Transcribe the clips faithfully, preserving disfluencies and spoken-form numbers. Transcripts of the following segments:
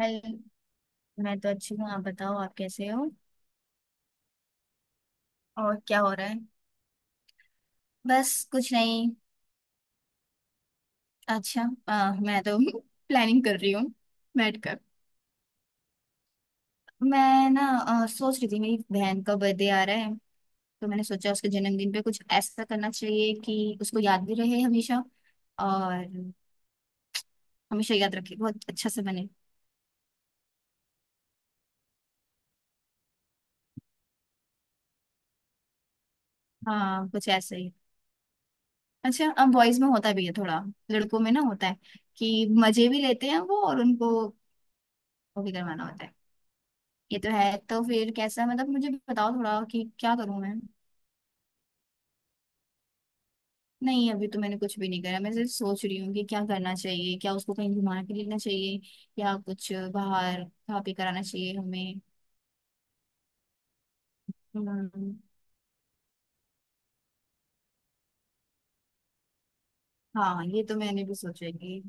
Hello. मैं तो अच्छी हूँ, आप बताओ आप कैसे हो। और क्या हो रहा है। बस कुछ नहीं। अच्छा। अ, मैं तो प्लानिंग कर रही हूँ बैठकर। मैं ना अ, सोच रही थी मेरी बहन का बर्थडे आ रहा है। तो मैंने सोचा उसके जन्मदिन पे कुछ ऐसा करना चाहिए कि उसको याद भी रहे हमेशा और हमेशा याद रखे, बहुत अच्छा से बने। हाँ, कुछ ऐसा ही। अच्छा, अब बॉयज में होता भी है थोड़ा, लड़कों में ना होता है कि मजे भी लेते हैं वो, और उनको वो भी करवाना होता है। ये तो है। तो फिर कैसा, मतलब मुझे बताओ थोड़ा, कि क्या करूं मैं। नहीं, अभी तो मैंने कुछ भी नहीं करा, मैं सिर्फ सोच रही हूँ कि क्या करना चाहिए, क्या उसको कहीं घुमा के लेना चाहिए या कुछ बाहर खा पी कराना चाहिए हमें। हम्म, हाँ ये तो मैंने भी सोचा है कि।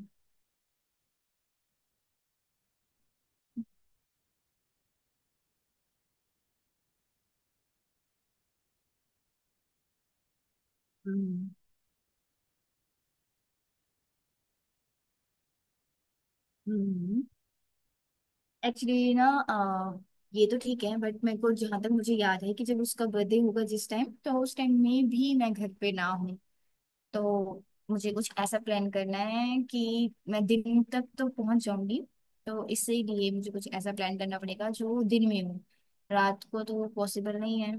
हम्म। एक्चुअली ना, अ, ये तो ठीक है बट, मेरे को जहाँ तक मुझे याद है कि जब उसका बर्थडे होगा जिस टाइम, तो उस टाइम में भी मैं घर पे ना। तो मुझे कुछ ऐसा प्लान करना है कि मैं दिन तक तो पहुंच जाऊंगी। तो इसीलिए मुझे कुछ ऐसा प्लान करना पड़ेगा जो दिन में हो। रात को तो पॉसिबल नहीं है।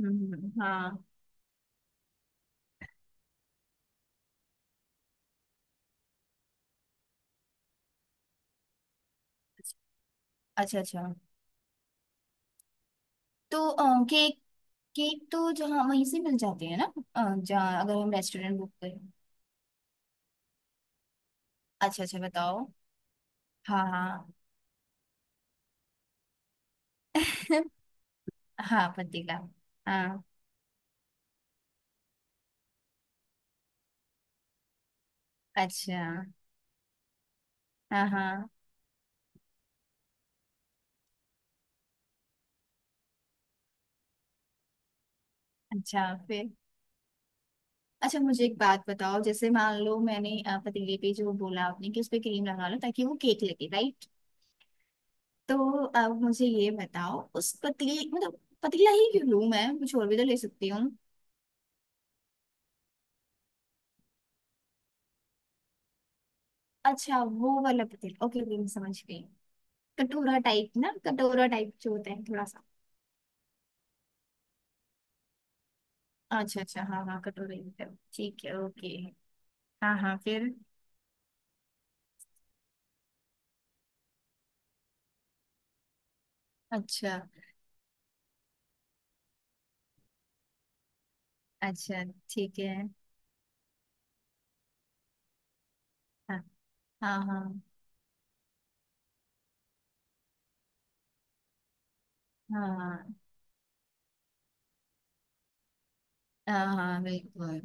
हम्म। हाँ। अच्छा अच्छा। तो केक, केक तो जहाँ वहीं से मिल जाते हैं ना, अ, जहाँ अगर हम रेस्टोरेंट बुक करें। अच्छा अच्छा बताओ। हाँ हाँ। हाँ पतीला। हाँ। अच्छा। हाँ हाँ। अच्छा फिर। अच्छा, मुझे एक बात बताओ, जैसे मान लो मैंने अ, पतीले पे जो बोला आपने कि उस पे क्रीम लगा लो ताकि वो केक लगे, राइट। तो अब मुझे ये बताओ, उस पतीले मतलब, पतीला ही क्यों लूं मैं, कुछ और भी तो ले सकती हूँ। अच्छा, वो वाला पतीला, ओके ओके, मैं समझ गई। कटोरा टाइप ना, कटोरा टाइप जो होता है थोड़ा सा। अच्छा अच्छा, हाँ हाँ, कटोरा ही होता है, ठीक है, ओके। हाँ हाँ फिर। अच्छा अच्छा। ठीक है। हाँ हाँ हाँ हाँ। हाँ हाँ, बिल्कुल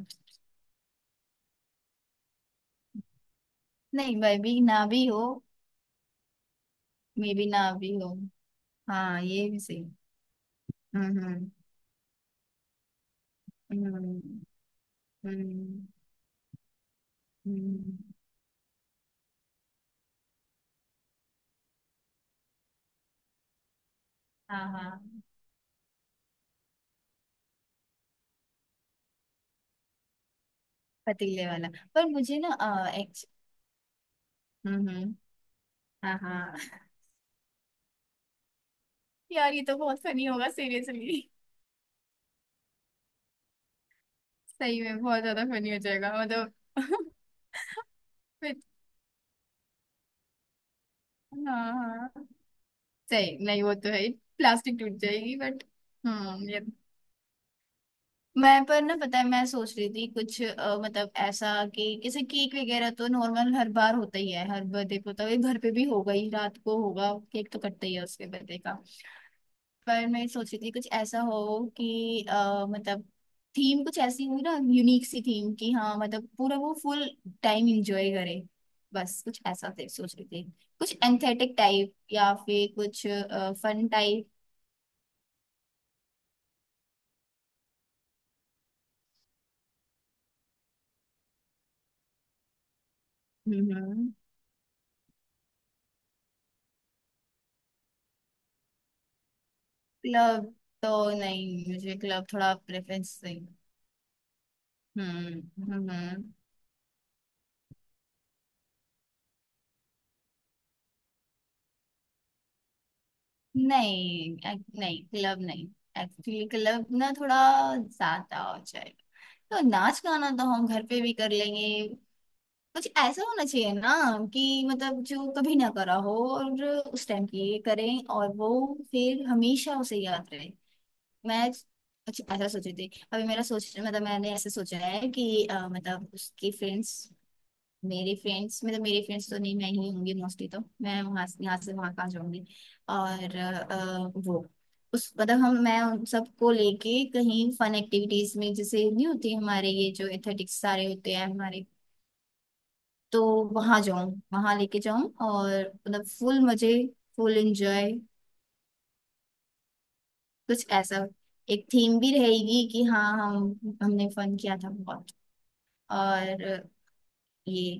नहीं। भाई भी ना भी हो, मे बी ना भी हो। हाँ, ये भी सही। हम्म हम्म हम्म हम्म। हम्म, हाँ हाँ पतीले वाला। पर मुझे ना एक्च हम्म हम्म। हाँ हाँ, यार ये तो बहुत फनी होगा, सीरियसली। सही में बहुत ज्यादा फनी हो जाएगा मतलब। फिर- हाँ हाँ। सही नहीं वो तो है, प्लास्टिक टूट जाएगी बट। हम्म, ये। मैं, पर ना पता है, मैं सोच रही थी कुछ, अ, मतलब ऐसा कि जैसे केक वगैरह तो नॉर्मल हर बार होता ही है, हर बर्थडे को तो ये घर पे भी होगा ही, रात को होगा, केक तो कटता ही है उसके बर्थडे का। पर मैं सोच रही थी कुछ ऐसा हो कि, अ, मतलब थीम कुछ ऐसी हुई ना, यूनिक सी थीम कि हाँ, मतलब पूरा वो फुल टाइम एंजॉय करे। बस कुछ ऐसा थे सोच रही थी। कुछ एंथेटिक टाइप, या फिर कुछ फन टाइप। हम्म हम्म। क्लब तो नहीं, मुझे क्लब थोड़ा प्रेफरेंस नहीं। हम्म हम्म। नहीं एक- नहीं, क्लब नहीं। एक्चुअली क्लब ना थोड़ा ज्यादा हो जाएगा, तो नाच गाना तो हम घर पे भी कर लेंगे। कुछ ऐसा होना चाहिए ना, कि मतलब जो कभी ना करा हो, और उस टाइम की ये करें, और वो फिर हमेशा उसे याद रहे। मैं। अच्छा, ऐसा सोची थी अभी मेरा सोच, मतलब मैंने ऐसे सोचा है कि, अ, मतलब उसकी फ्रेंड्स, मेरे फ्रेंड्स मतलब, मेरे फ्रेंड्स तो नहीं, मैं ही होंगी मोस्टली, तो मैं वहां से यहाँ से वहां कहाँ जाऊंगी। और अ, वो उस मतलब, हम, मैं उन सबको लेके कहीं फन एक्टिविटीज में, जैसे नहीं होती हमारे ये जो एथेटिक्स सारे होते हैं हमारे, तो वहां जाऊं, वहां लेके जाऊं और मतलब फुल मजे, फुल एंजॉय। कुछ ऐसा। एक थीम भी रहेगी कि हाँ, हम, हमने फन किया था बहुत। और ये,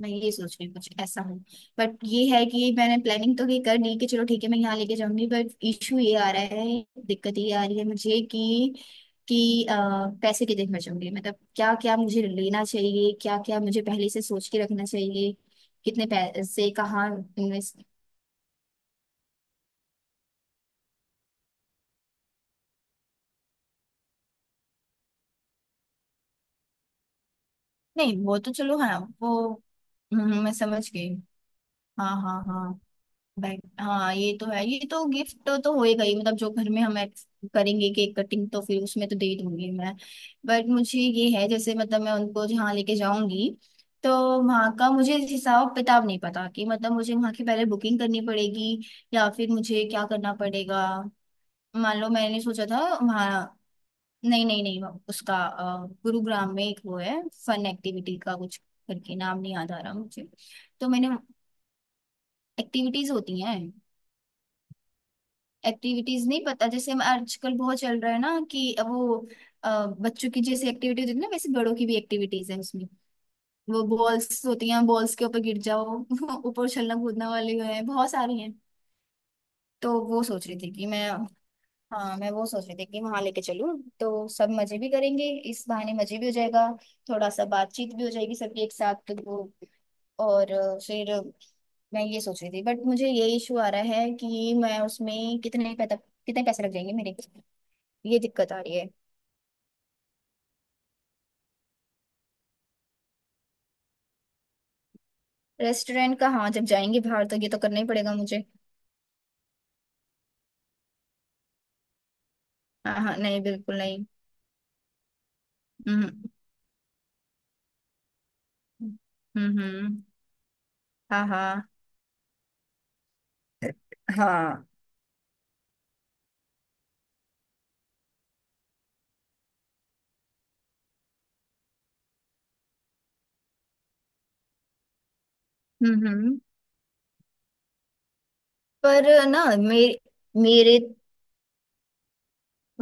मैं ये सोच रही हूँ कुछ ऐसा हो, बट ये है कि मैंने प्लानिंग तो ये कर ली कि चलो ठीक है मैं यहाँ लेके जाऊंगी, बट इशू ये आ रहा है, दिक्कत ये आ रही है मुझे कि, कि अ, पैसे कितने खर्च होंगे, मतलब क्या क्या मुझे लेना चाहिए, क्या क्या मुझे पहले से सोच के रखना चाहिए, कितने पैसे कहाँ इन्वेस्ट। नहीं वो तो चलो, हाँ वो। हम्म, मैं समझ गई। हाँ हाँ हाँ। भाई हाँ, ये तो है, ये तो गिफ्ट तो, तो होएगा ही, मतलब जो घर में हम ex- करेंगे केक कटिंग, तो फिर उसमें तो दे ही दूंगी मैं। बट मुझे ये है जैसे, मतलब मैं उनको जहाँ लेके जाऊंगी, तो वहाँ का मुझे हिसाब किताब नहीं पता कि, मतलब मुझे वहाँ की पहले बुकिंग करनी पड़ेगी या फिर मुझे क्या करना पड़ेगा। मान लो मैंने सोचा था वहाँ। नहीं नहीं नहीं। उसका, अ, गुरुग्राम में एक वो है फन एक्टिविटी का कुछ करके, नाम नहीं याद आ रहा मुझे। तो मैंने, एक्टिविटीज होती हैं। एक्टिविटीज, नहीं पता, जैसे हम आजकल बहुत चल रहा है ना कि वो, अ, बच्चों की जैसे एक्टिविटीज होती है ना, वैसे बड़ों की भी एक्टिविटीज है उसमें। वो बॉल्स होती हैं, बॉल्स के ऊपर गिर जाओ, ऊपर उछलना कूदना वाले हैं, बहुत सारे हैं। तो वो सोच रही थी कि मैं, हाँ मैं वो सोच रही थी कि वहां लेके चलूँ, तो सब मजे भी करेंगे, इस बहाने मजे भी हो जाएगा, थोड़ा सा बातचीत भी हो जाएगी सबकी एक साथ, तो वो। और अ, फिर मैं ये सोच रही थी बट, मुझे ये इशू आ रहा है कि मैं उसमें कितने पैसा, कितने पैसे लग जाएंगे मेरे, ये दिक्कत आ रही है। रेस्टोरेंट का, हाँ जब जाएंगे बाहर तो ये तो करना ही पड़ेगा मुझे। हाँ हाँ, नहीं बिल्कुल नहीं। हम्म हम्म हम्म, हाँ हाँ हाँ। हम्म। पर ना मेरे मेरे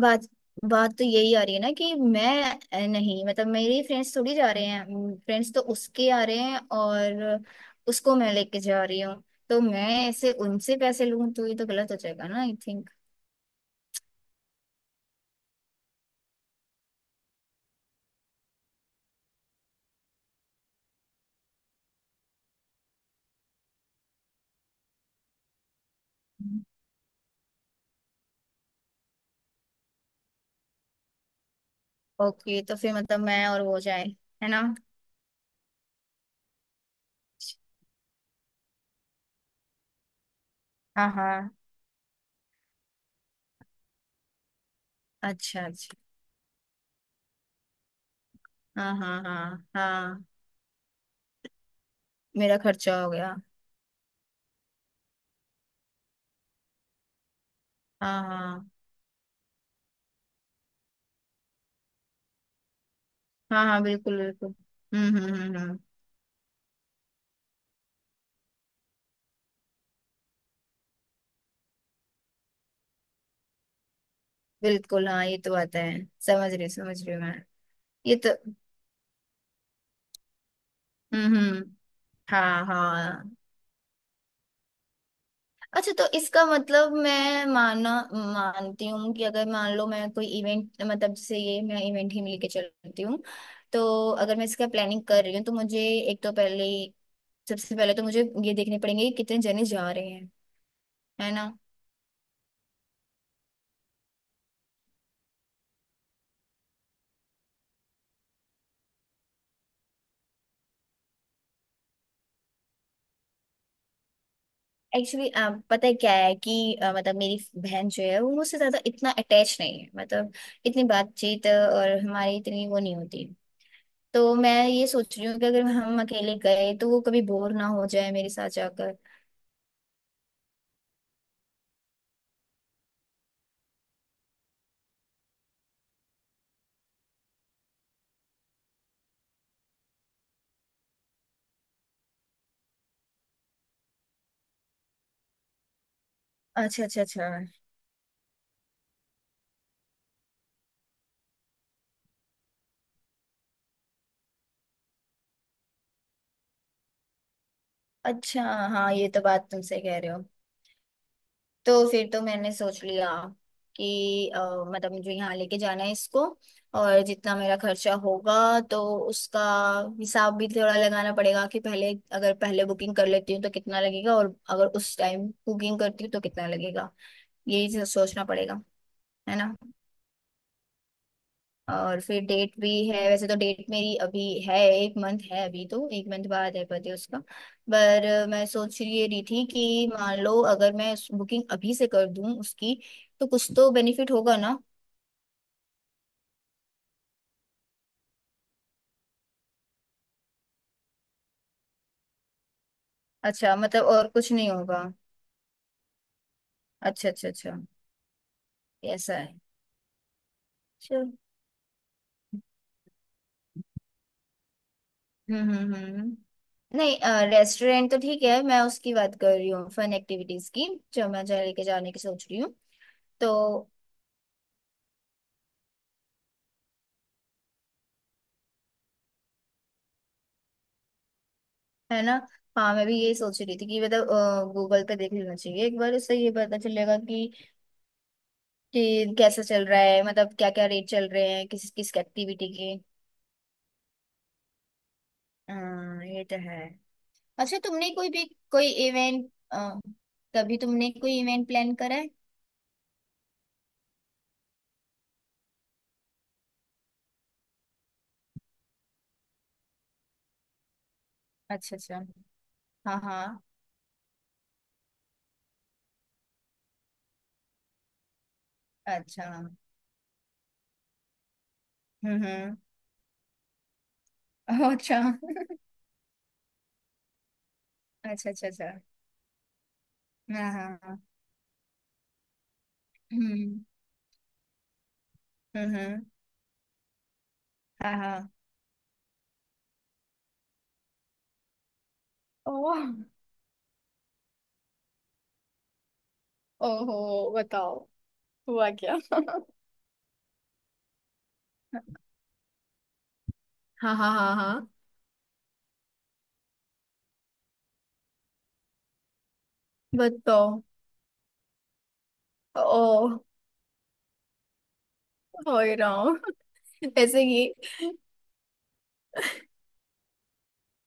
बात, बात तो यही आ रही है ना कि मैं, अ, नहीं मतलब, मेरी फ्रेंड्स थोड़ी जा रहे हैं, फ्रेंड्स तो उसके आ रहे हैं और उसको मैं लेके जा रही हूँ, तो मैं ऐसे उनसे पैसे लूं तो ये तो गलत हो जाएगा ना, आई थिंक। ओके, तो फिर मतलब मैं और वो जाए, है ना। हाँ हाँ। अच्छा अच्छा। हाँ हाँ हाँ हाँ। मेरा खर्चा हो गया। हाँ हाँ हाँ हाँ, बिल्कुल बिल्कुल। हम्म हम्म हम्म हम्म। बिल्कुल हाँ, ये तो आता है, समझ रही समझ रही हूँ मैं। ये तो। हम्म हम्म। हाँ हाँ। अच्छा, तो इसका मतलब मैं माना मानती हूँ कि अगर मान लो मैं कोई इवेंट, मतलब जैसे ये, मैं इवेंट ही में लेके चलती हूँ, तो अगर मैं इसका प्लानिंग कर रही हूँ तो मुझे एक तो पहले, सबसे पहले तो मुझे ये देखने पड़ेंगे कि कितने जने जा रहे हैं, है ना। एक्चुअली, पता है क्या है कि, अ, मतलब मेरी बहन जो है वो मुझसे ज्यादा इतना अटैच नहीं है, मतलब इतनी बातचीत, अ, और हमारी इतनी वो नहीं होती, तो मैं ये सोच रही हूँ कि अगर हम अकेले गए तो वो कभी बोर ना हो जाए मेरे साथ जाकर। अच्छा अच्छा अच्छा अच्छा। हाँ, ये तो बात तुमसे कह रहे हो। तो फिर तो मैंने सोच लिया कि, अ, मतलब मुझे यहाँ लेके जाना है इसको, और जितना मेरा खर्चा होगा तो उसका हिसाब भी थोड़ा लगाना पड़ेगा कि पहले, अगर पहले बुकिंग कर लेती हूँ तो कितना लगेगा, और अगर उस टाइम बुकिंग करती हूँ तो कितना लगेगा। यही सो- सोचना पड़ेगा, है ना। और फिर डेट भी है, वैसे तो डेट मेरी अभी है, एक मंथ है, अभी तो एक मंथ बाद है बर्थडे उसका। पर मैं सोच रही, ये रही थी कि मान लो अगर मैं बुकिंग अभी से कर दूं उसकी, तो कुछ तो बेनिफिट होगा ना। अच्छा, मतलब और कुछ नहीं होगा। अच्छा अच्छा अच्छा। ऐसा है। चल। हम्म हम्म हम्म हम्म। नहीं, रेस्टोरेंट तो ठीक है, मैं उसकी बात कर रही हूँ फन एक्टिविटीज की, जो मैं जा लेके जाने की सोच रही हूँ, तो है ना। हाँ, मैं भी यही सोच रही थी कि मतलब गूगल पे देख लेना चाहिए एक बार, उससे ये पता चलेगा कि, कि कैसा चल रहा है, मतलब क्या क्या रेट चल रहे हैं किस किस एक्टिविटी के। हाँ ये तो है। अच्छा, तुमने कोई भी कोई इवेंट, कभी तुमने कोई इवेंट प्लान करा है। अच्छा अच्छा। हाँ हाँ। अच्छा। हम्म हम्म। अच्छा। अच्छा अच्छा अच्छा। हाँ हाँ हाँ, हम्म हम्म हम्म, हाँ हाँ। ओह। ओहो, बताओ हुआ क्या। हाँ हाँ हाँ हाँ। बताओ। ओ। हो ही रहा हूँ। ऐसे ही।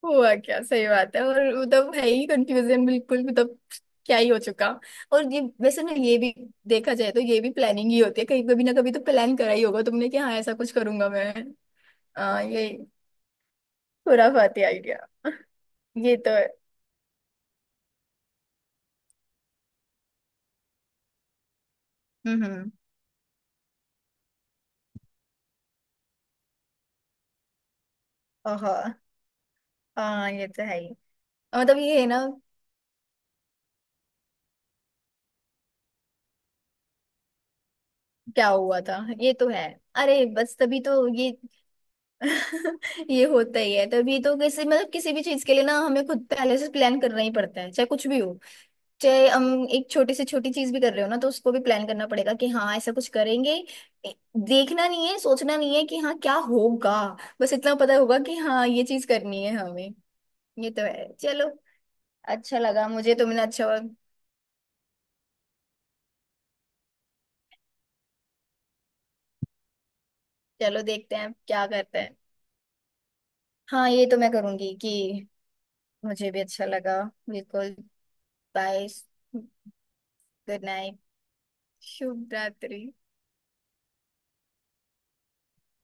हुआ क्या, सही बात है। और मतलब है ही कंफ्यूजन बिल्कुल, मतलब क्या ही हो चुका। और ये वैसे ना, ये भी देखा जाए तो ये भी प्लानिंग ही होती है, कहीं कभी ना कभी तो प्लान करा ही होगा तुमने कि हाँ ऐसा कुछ करूंगा मैं। आ, ये खुराफाती आइडिया। ये तो है। हम्म हम्म। ओहो, हाँ ये तो है ही। मतलब ये है ना, क्या हुआ था, ये तो है। अरे, बस तभी तो ये ये होता ही है, तभी तो किसी, मतलब किसी भी चीज के लिए ना हमें खुद पहले से प्लान करना ही पड़ता है, चाहे कुछ भी हो। चाहे हम एक छोटी से छोटी चीज भी कर रहे हो ना, तो उसको भी प्लान करना पड़ेगा कि हाँ ऐसा कुछ करेंगे। ए- देखना नहीं है, सोचना नहीं है कि हाँ क्या होगा, बस इतना पता होगा कि हाँ ये चीज करनी है हमें। ये तो है, चलो। अच्छा लगा मुझे, तुमने अच्छा हुआ। चलो देखते हैं क्या करते हैं। हाँ ये तो मैं करूंगी कि। मुझे भी अच्छा लगा, बिल्कुल। Bye, good night. शुभ रात्रि।